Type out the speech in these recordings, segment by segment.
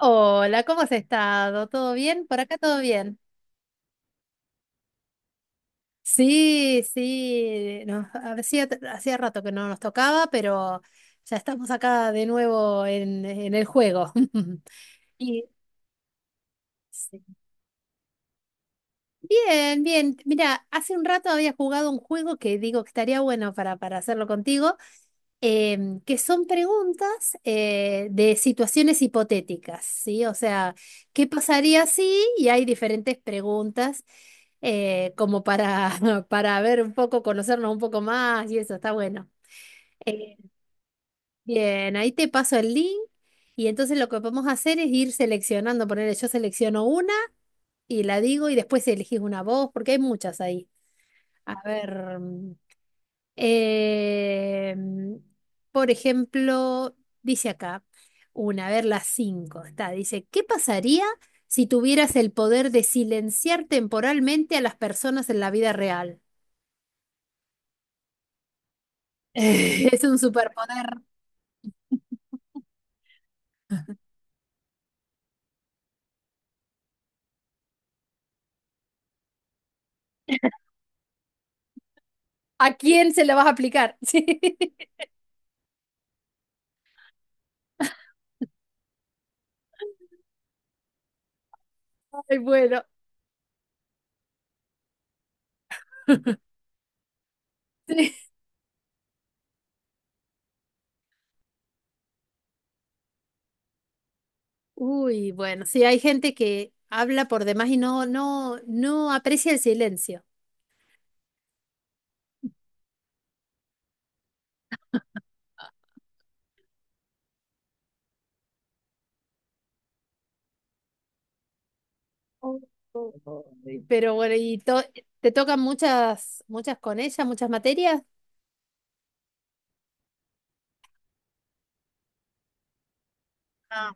Hola, ¿cómo has estado? ¿Todo bien? Por acá todo bien. Sí, sí, no, hacía rato que no nos tocaba, pero ya estamos acá de nuevo en el juego. Y sí. Bien, bien. Mira, hace un rato había jugado un juego que digo que estaría bueno para hacerlo contigo, que son preguntas de situaciones hipotéticas, ¿sí? O sea, ¿qué pasaría si? Y hay diferentes preguntas como para, para ver un poco, conocernos un poco más y eso, está bueno. Eh, Bien, ahí te paso el link y entonces lo que podemos hacer es ir seleccionando, ponerle yo selecciono una y la digo y después elegís una voz, porque hay muchas ahí. A ver. Eh, por ejemplo, dice acá, una, a ver, las cinco, está, dice, ¿qué pasaría si tuvieras el poder de silenciar temporalmente a las personas en la vida real? Es un superpoder. ¿A quién se la vas a aplicar? Sí. Ay, bueno. Sí. Uy, bueno, sí, hay gente que habla por demás y no aprecia el silencio. Uy, pero bueno, te tocan muchas, muchas con ella, muchas materias. Ah.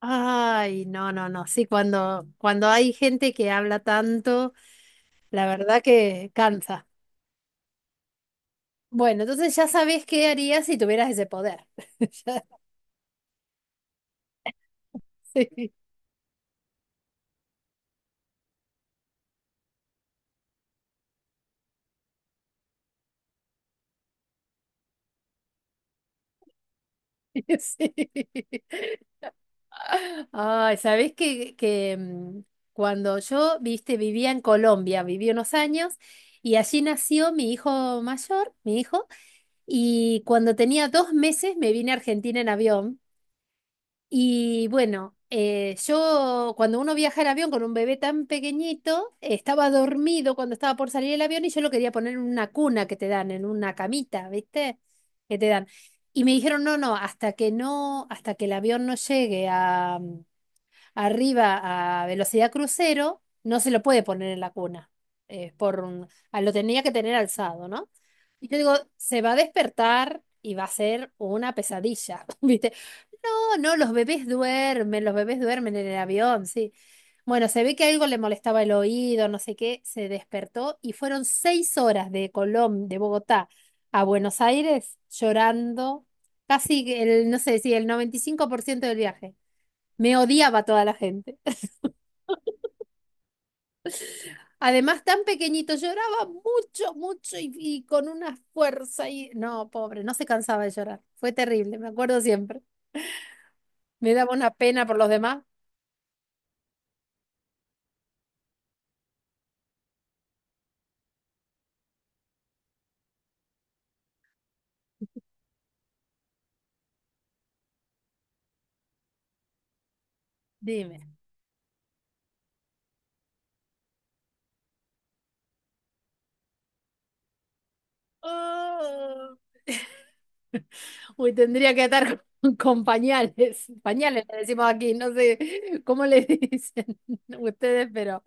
Ay, no, no, no. Sí, cuando hay gente que habla tanto, la verdad que cansa. Bueno, entonces ya sabés qué harías si tuvieras ese poder. Ya- sí, sí. Ay, sabés que, cuando yo, viste, vivía en Colombia, viví unos años y allí nació mi hijo mayor, mi hijo, y cuando tenía 2 meses me vine a Argentina en avión. Y bueno, yo cuando uno viaja en avión con un bebé tan pequeñito, estaba dormido cuando estaba por salir el avión y yo lo quería poner en una cuna que te dan, en una camita, ¿viste? Que te dan. Y me dijeron, no, no, hasta que el avión no llegue a, arriba a velocidad crucero, no se lo puede poner en la cuna. Lo tenía que tener alzado, ¿no? Y yo digo, se va a despertar y va a ser una pesadilla, ¿viste? No, los bebés duermen en el avión, sí. Bueno, se ve que algo le molestaba el oído, no sé qué, se despertó y fueron 6 horas de Colón, de Bogotá a Buenos Aires llorando, casi que el, no sé si el 95% del viaje. Me odiaba toda la gente. Además, tan pequeñito, lloraba mucho, mucho y con una fuerza y... No, pobre, no se cansaba de llorar. Fue terrible, me acuerdo siempre. Me daba una pena por los demás. Dime. Uy, tendría que atar con, con pañales. Pañales le decimos aquí, no sé cómo le dicen ustedes, pero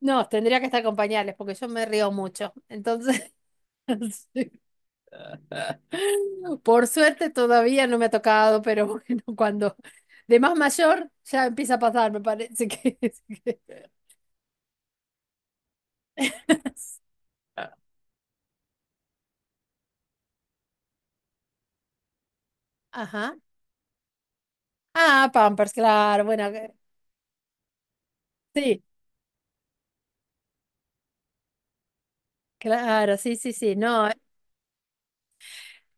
no, tendría que estar con pañales porque yo me río mucho. Entonces, sí. Por suerte todavía no me ha tocado, pero bueno, cuando de más mayor ya empieza a pasar, me parece que... Ajá. Ah, Pampers, claro, bueno, que- sí, claro, sí, sí, sí, no.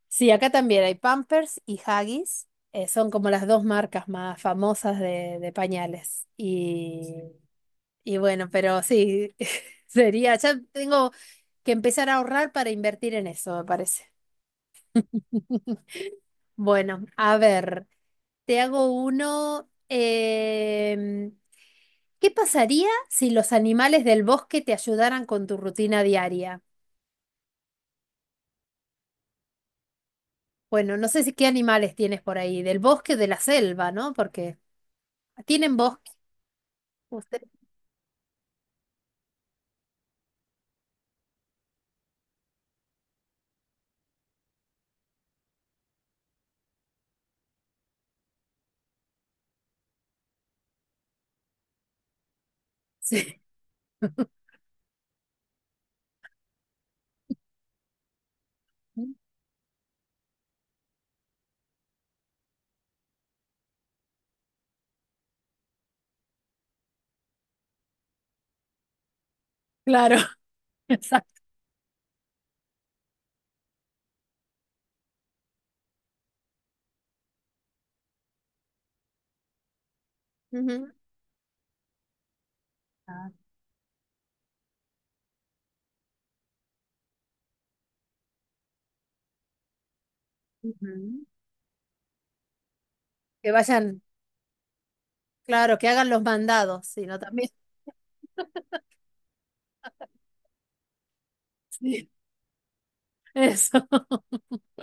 Sí, acá también hay Pampers y Huggies. Son como las dos marcas más famosas de pañales. Y bueno, pero sí, sería, ya tengo que empezar a ahorrar para invertir en eso, me parece. Bueno, a ver, te hago uno. ¿Qué pasaría si los animales del bosque te ayudaran con tu rutina diaria? Bueno, no sé si qué animales tienes por ahí, del bosque, o de la selva, ¿no? Porque tienen bosque. Sí, claro, exacto. Ujú. Ah, ujú. Que vayan, claro, que hagan los mandados, sino también. Sí, eso.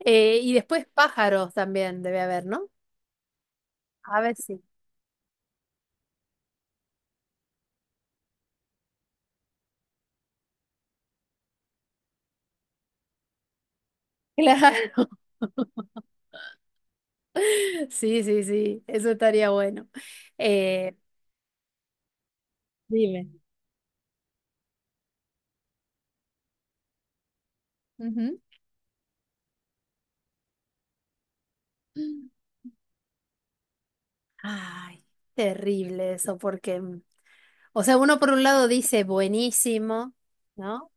Y después pájaros también debe haber, ¿no? A ver si. Claro. Sí, sí, sí, eso estaría bueno. Eh, dime. Ujú. Ay, terrible eso, porque, o sea, uno por un lado dice buenísimo, ¿no?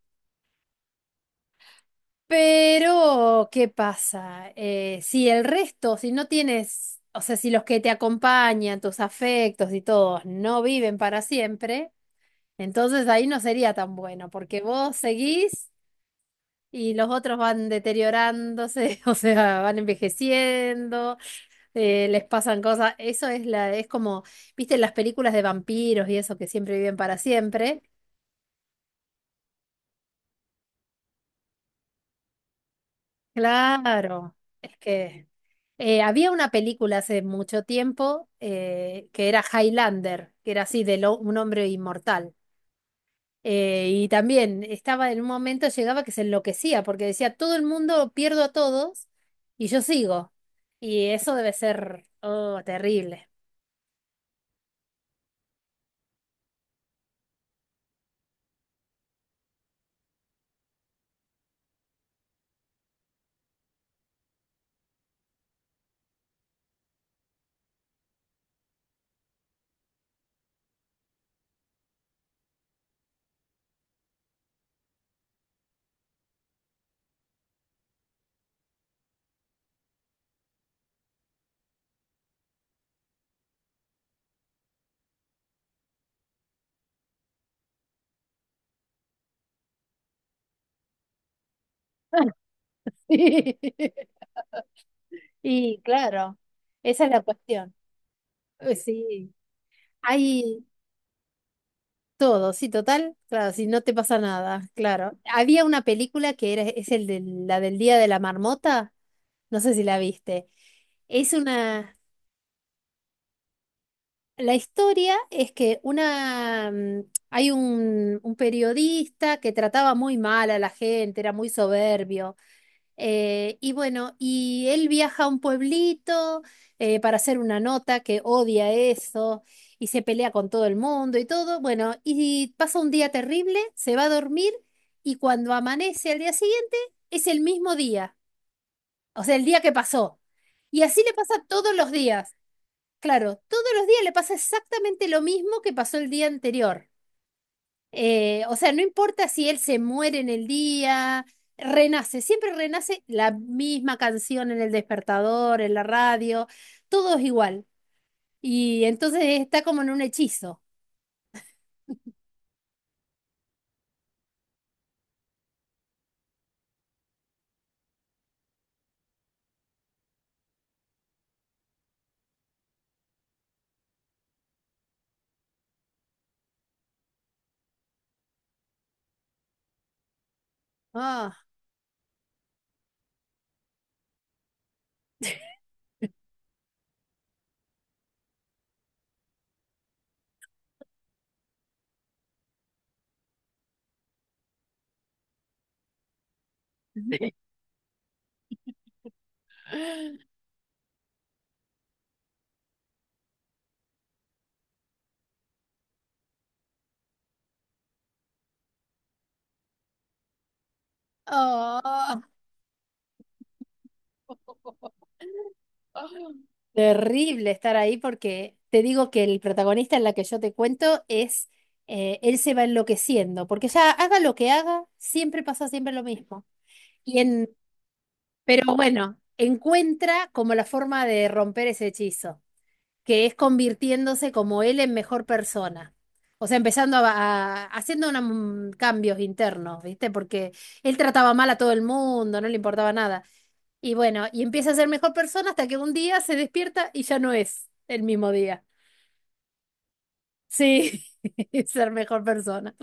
Pero, ¿qué pasa? Si el resto, si no tienes, o sea, si los que te acompañan, tus afectos y todos no viven para siempre, entonces ahí no sería tan bueno, porque vos seguís y los otros van deteriorándose, o sea, van envejeciendo, les pasan cosas. Eso es la, es como, viste, en las películas de vampiros y eso que siempre viven para siempre. Claro, es que. Había una película hace mucho tiempo que era Highlander, que era así de lo- un hombre inmortal. Y también estaba en un momento, llegaba que se enloquecía porque decía, todo el mundo pierdo a todos y yo sigo. Y eso debe ser, oh, terrible. Sí. Y claro, esa es la cuestión. Eh, Sí, Hay todo, sí, total, claro, si no te pasa nada, claro. Había una película que era, es el de, la del Día de la Marmota. No sé si la viste. Es una... La historia es que una... hay un periodista que trataba muy mal a la gente, era muy soberbio. Y bueno, y él viaja a un pueblito para hacer una nota que odia eso y se pelea con todo el mundo y todo. Bueno, y pasa un día terrible, se va a dormir y cuando amanece al día siguiente es el mismo día, o sea, el día que pasó. Y así le pasa todos los días. Claro, todos los días le pasa exactamente lo mismo que pasó el día anterior. O sea, no importa si él se muere en el día, renace, siempre renace la misma canción en el despertador, en la radio, todo es igual. Y entonces está como en un hechizo. Ah, ah. Terrible estar ahí porque te digo que el protagonista en la que yo te cuento es, él se va enloqueciendo, porque ya haga lo que haga, siempre lo mismo. Y en, pero bueno, encuentra como la forma de romper ese hechizo, que es convirtiéndose como él en mejor persona. O sea, haciendo unos cambios internos, ¿viste? Porque él trataba mal a todo el mundo, no le importaba nada. Y bueno, y empieza a ser mejor persona hasta que un día se despierta y ya no es el mismo día. Sí, ser mejor persona.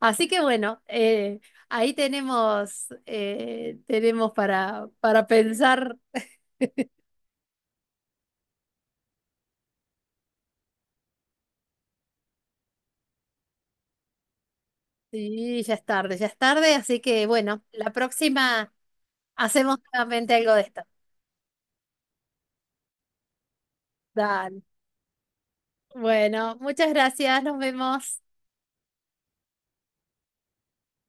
Así que bueno, ahí tenemos, tenemos para pensar. Sí, ya es tarde, así que bueno, la próxima hacemos nuevamente algo de esto. Dale. Bueno, muchas gracias, nos vemos.